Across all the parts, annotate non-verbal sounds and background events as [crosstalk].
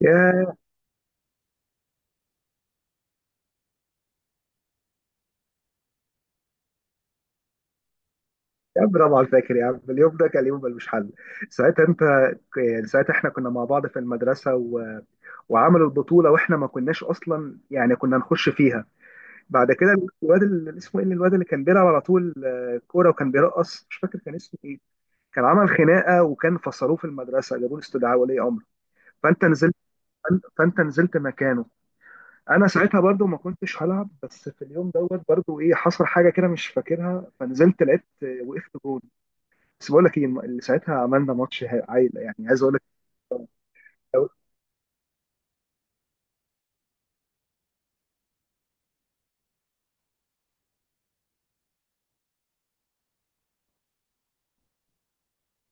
يا يا عم طبعا فاكر يا عم. اليوم ده كان يوم ملوش حل. ساعتها انت يعني ساعتها احنا كنا مع بعض في المدرسه وعملوا البطوله، واحنا ما كناش اصلا يعني كنا نخش فيها. بعد كده الواد اللي اسمه ايه، الواد اللي كان بيلعب على طول، كوره وكان بيرقص، مش فاكر كان اسمه ايه. كان عمل خناقه وكان فصلوه في المدرسه، جابوا له استدعاء ولي امر. فانت نزلت فانت نزلت مكانه. انا ساعتها برضو ما كنتش هلعب، بس في اليوم دوت برضو ايه حصل حاجه كده مش فاكرها، فنزلت لقيت وقفت جول. بس بقول لك ايه اللي ساعتها، عملنا ماتش عايله يعني عايز اقول لك. إيه،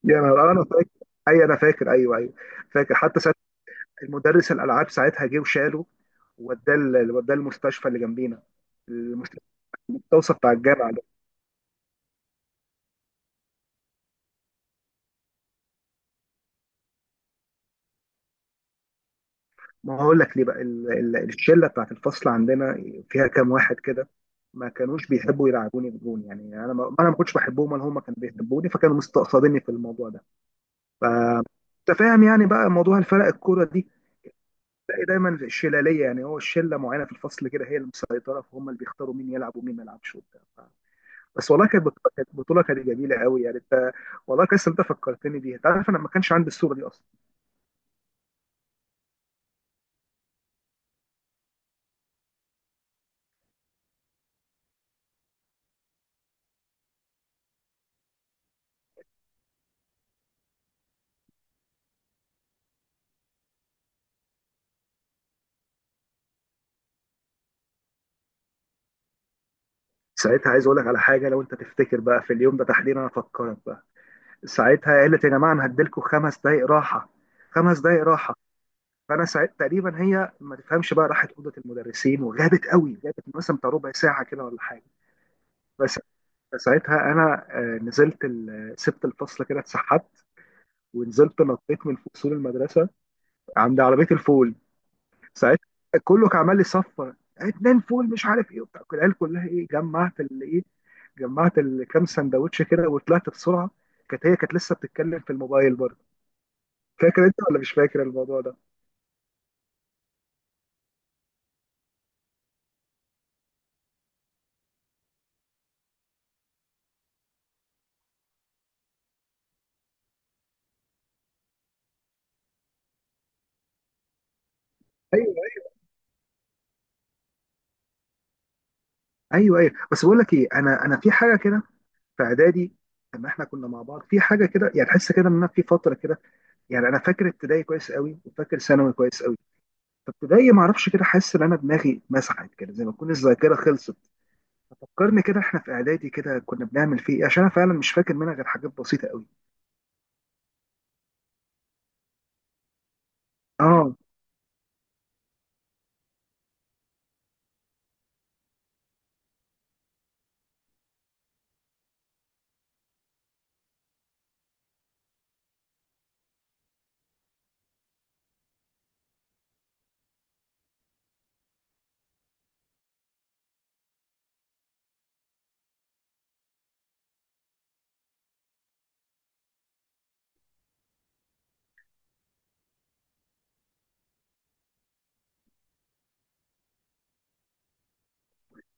يا نهار انا فاكر. اي انا فاكر، ايوه، ايوه. فاكر حتى ساعتها المدرس الالعاب ساعتها جه وشاله ووداه ووداه المستشفى اللي جنبينا، المستشفى التوصى بتاع الجامعه ده. ما هو هقول لك ليه بقى، الشله بتاعت الفصل عندنا فيها كام واحد كده ما كانوش بيحبوا يلعبوني بجون، يعني انا ما كنتش بحبهم ولا هم كانوا بيحبوني، فكانوا مستقصديني في الموضوع ده. ف- انت فاهم يعني بقى موضوع الفرق الكوره دي. تلاقي دايما في الشلاليه، يعني هو الشله معينه في الفصل كده، هي المسيطره، فهم اللي بيختاروا مين يلعب ومين ما يلعبش وبتاع. بس والله كانت بطوله، كانت بطوله، جميله قوي يعني. انت والله كويس إن انت فكرتني بيها، انت عارف انا ما كانش عندي الصوره دي اصلا. ساعتها عايز اقول لك على حاجه، لو انت تفتكر بقى في اليوم ده تحديدا انا افكرك بقى. ساعتها قالت يا جماعه انا هديلكم 5 دقائق راحه، 5 دقائق راحه. فانا ساعتها تقريبا هي ما تفهمش بقى، راحت اوضه المدرسين وغابت قوي، غابت مثلا بتاع ربع ساعه كده ولا حاجه. بس ساعتها انا نزلت سبت الفصل كده، اتسحبت ونزلت نطيت من فوق سور المدرسه عند عربيه الفول. ساعتها كله كان عمال لي صفر اتنين فول مش عارف ايه وبتاع، العيال كلها ايه جمعت اللي ايه، جمعت الكام سندوتش كده وطلعت بسرعه. كانت هي كانت لسه بتتكلم في الموبايل برضه. فاكر انت ولا مش فاكر الموضوع ده؟ ايوه، ايوه، ايوه، بس بقول لك ايه، انا في حاجه كده في اعدادي. لما احنا كنا مع بعض في حاجه كده يعني تحس كده ان أنا في فتره كده. يعني انا فاكر ابتدائي كويس قوي، وفاكر ثانوي كويس قوي، فابتدائي ما اعرفش كده، حاسس ان انا دماغي مسحت كده، زي ما تكون الذاكره خلصت. فكرني كده احنا في اعدادي كده كنا بنعمل فيه ايه، عشان انا فعلا مش فاكر منها غير حاجات بسيطه قوي. اه.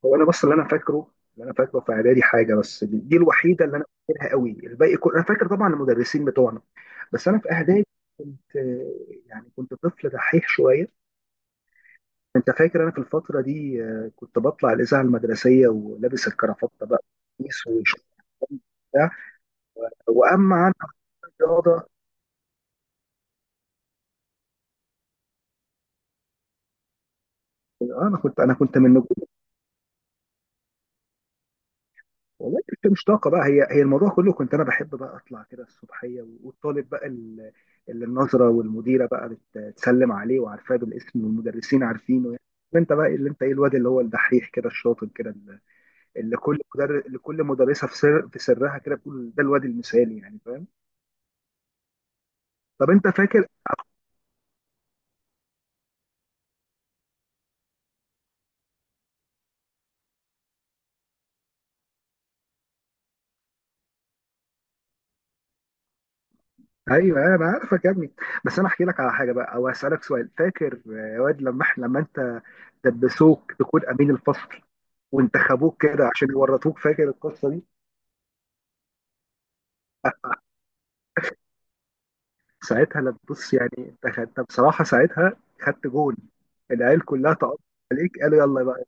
هو انا بس اللي انا فاكره، اللي انا فاكره في اعدادي حاجه بس، دي, دي الوحيده اللي انا فاكرها قوي، الباقي كله انا فاكر طبعا المدرسين بتوعنا. بس انا في اعدادي كنت يعني كنت طفل دحيح شويه. انت فاكر انا في الفتره دي كنت بطلع الاذاعه المدرسيه ولابس الكرافته بقى كويس وشورت وبتاع. واما عن الرياضه، انا كنت من نجوم. والله كنت مش طاقه بقى، هي الموضوع كله كنت انا بحب بقى اطلع كده الصبحيه، والطالب بقى اللي النظره والمديره بقى بتسلم عليه وعارفاه بالاسم والمدرسين عارفينه يعني. انت بقى اللي انت ايه، الواد اللي هو الدحيح كده الشاطر كده، اللي اللي كل مدرس لكل مدرسه في سر في سرها كده بتقول ده الواد المثالي يعني فاهم. طب انت فاكر، ايوه أيوة، انا عارفك يا ابني. بس انا احكي لك على حاجه بقى او اسالك سؤال. فاكر يا واد لما احنا لما انت دبسوك تكون امين الفصل وانتخبوك كده عشان يورطوك، فاكر القصه دي؟ آه، ساعتها لما بص يعني انت خدت بصراحه، ساعتها خدت جون، العيال كلها تقطع عليك، قالوا يلا بقى.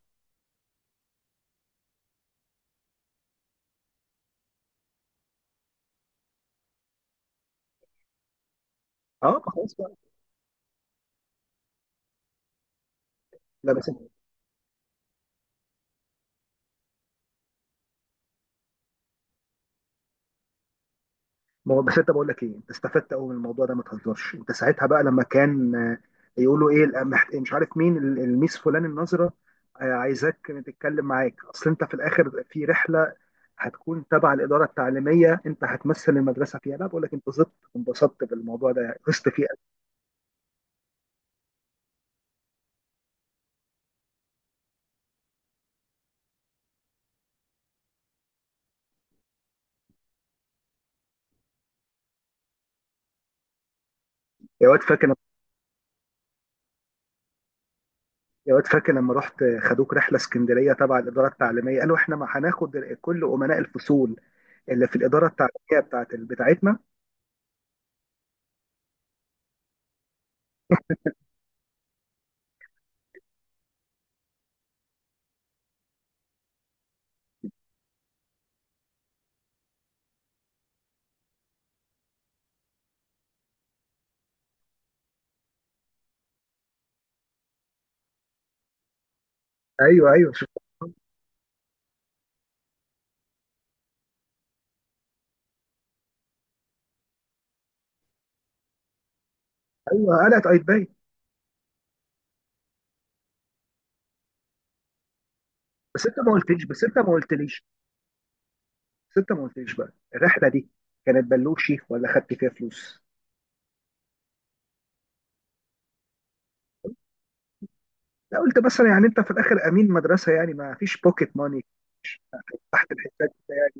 اه، خلاص بقى. لا بس ما هو بس انت بقول لك ايه، انت استفدت قوي من الموضوع ده، ما تهزرش. انت ساعتها بقى لما كان يقولوا ايه، مش عارف مين، الميس فلان النظره عايزاك تتكلم معاك، اصل انت في الاخر في رحله هتكون تبع الاداره التعليميه، انت هتمثل المدرسه فيها. لا بقول لك انت زدت وانبسطت بالموضوع ده، غصت فيه قوي. يا واد فاكر يا واد فاكر لما رحت خدوك رحله اسكندريه تبع الاداره التعليميه، قالوا احنا ما هناخد كل امناء الفصول اللي في الاداره التعليميه بتاعتنا. ايوه، ايوه، شوف. ايوه قلقت ايدباي. بس انت ما قلتليش بس انت ما قلتليش بس انت ما قلتليش بقى الرحله دي كانت بلوشي ولا خدت فيها فلوس؟ لا قلت مثلا يعني انت في الاخر امين مدرسه يعني ما فيش بوكيت ماني تحت الحساب بتاعك.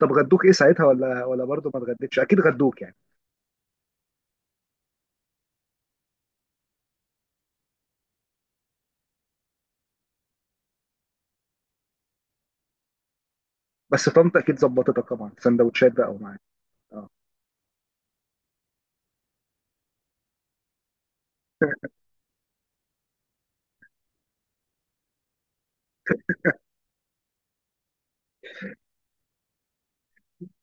طب غدوك ايه ساعتها؟ ولا برضه ما اتغديتش؟ اكيد غدوك يعني. بس طنط اكيد ظبطتك طبعا سندوتشات بقى ومعاك. اه.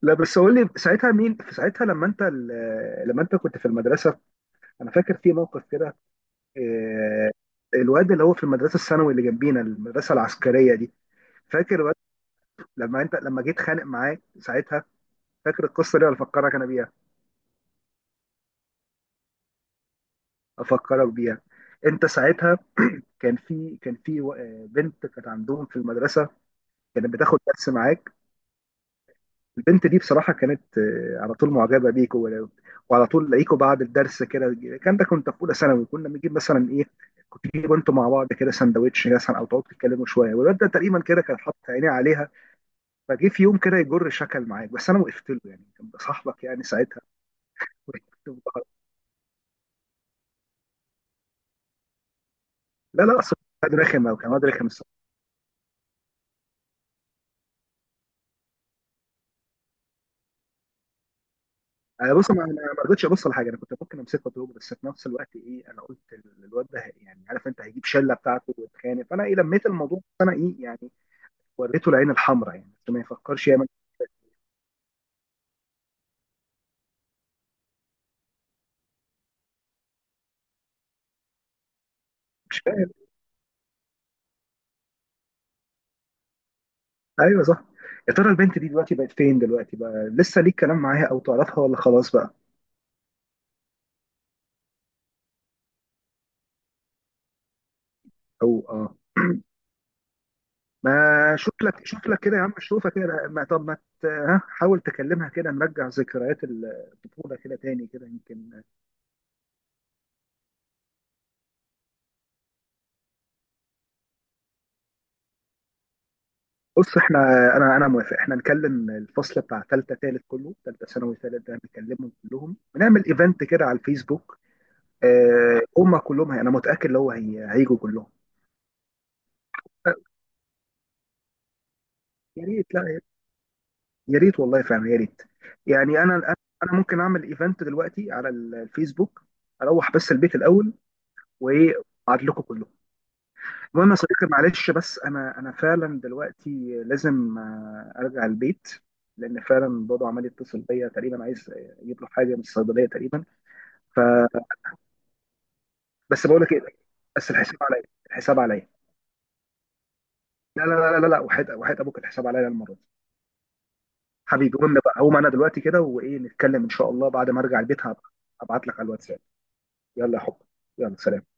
لا بس قول لي ساعتها، مين في ساعتها لما انت لما انت كنت في المدرسه. انا فاكر في موقف كده، آه، الواد اللي هو في المدرسه الثانوي اللي جنبينا، المدرسه العسكريه دي. فاكر لما انت لما جيت خانق معاه ساعتها، فاكر القصه دي ولا افكرك انا بيها؟ افكرك بيها. انت ساعتها كان في بنت كانت عندهم في المدرسه، كانت بتاخد درس معاك. البنت دي بصراحه كانت على طول معجبه بيك، وعلى طول لاقيكوا بعد الدرس كده. كان ده كنت في اولى ثانوي، كنا بنجيب مثلا ايه، كنت تجيبوا انتوا مع بعض كده سندوتش مثلا، او تقعدوا تتكلموا شويه. والواد ده تقريبا كده كان حاطط عينيه عليها. فجه في يوم كده يجر شكل معاك، بس انا وقفت له يعني، كان صاحبك يعني ساعتها. وقفت له. لا لا، اصل واد رخم، او كان واد رخم الصراحه. أنا بص انا أنا ما رضيتش ابص لحاجه، انا كنت ممكن امسكه واضربه، بس في نفس الوقت ايه، انا قلت الواد ده يعني عارف انت هيجيب شله بتاعته ويتخانق، فانا ايه لميت الموضوع، بس انا ايه يعني وريته العين الحمراء يعني، بس ما يفكرش يعمل. مش فاهم. ايوه صح. يا ترى البنت دي دلوقتي بقت فين؟ دلوقتي بقى لسه ليك كلام معاها او تعرفها ولا خلاص بقى؟ او اه. [clears throat] ما شوف لك، شوف لك كده يا عم، شوفها كده ما، طب ما ها، حاول تكلمها كده نرجع ذكريات الطفوله كده تاني كده يمكن. بص احنا انا موافق، احنا نكلم الفصل بتاع ثالثه ثالث كله، ثالثه ثانوي ثالث ده نكلمهم كلهم ونعمل ايفنت كده على الفيسبوك. اه هم كلهم انا متاكد لو هي هيجوا كلهم. آه، يا ريت، لا يا ريت والله فعلا يا ريت. يعني انا ممكن اعمل ايفنت دلوقتي على الفيسبوك، اروح بس البيت الاول وايه ابعت لكم كلهم. المهم يا صديقي معلش، بس انا فعلا دلوقتي لازم ارجع البيت، لان فعلا بابا عمال يتصل بيا، تقريبا عايز يجيب له حاجه من الصيدليه تقريبا. ف بس بقول لك ايه، بس الحساب عليا، الحساب عليا. لا، لا، لا، لا، لا، وحيد، وحيد ابوك، الحساب عليا المره دي. حبيبي قوم بقى، هقوم انا دلوقتي كده وايه نتكلم ان شاء الله بعد ما ارجع البيت. هبعت لك على الواتساب. يلا يا حب. يلا سلام.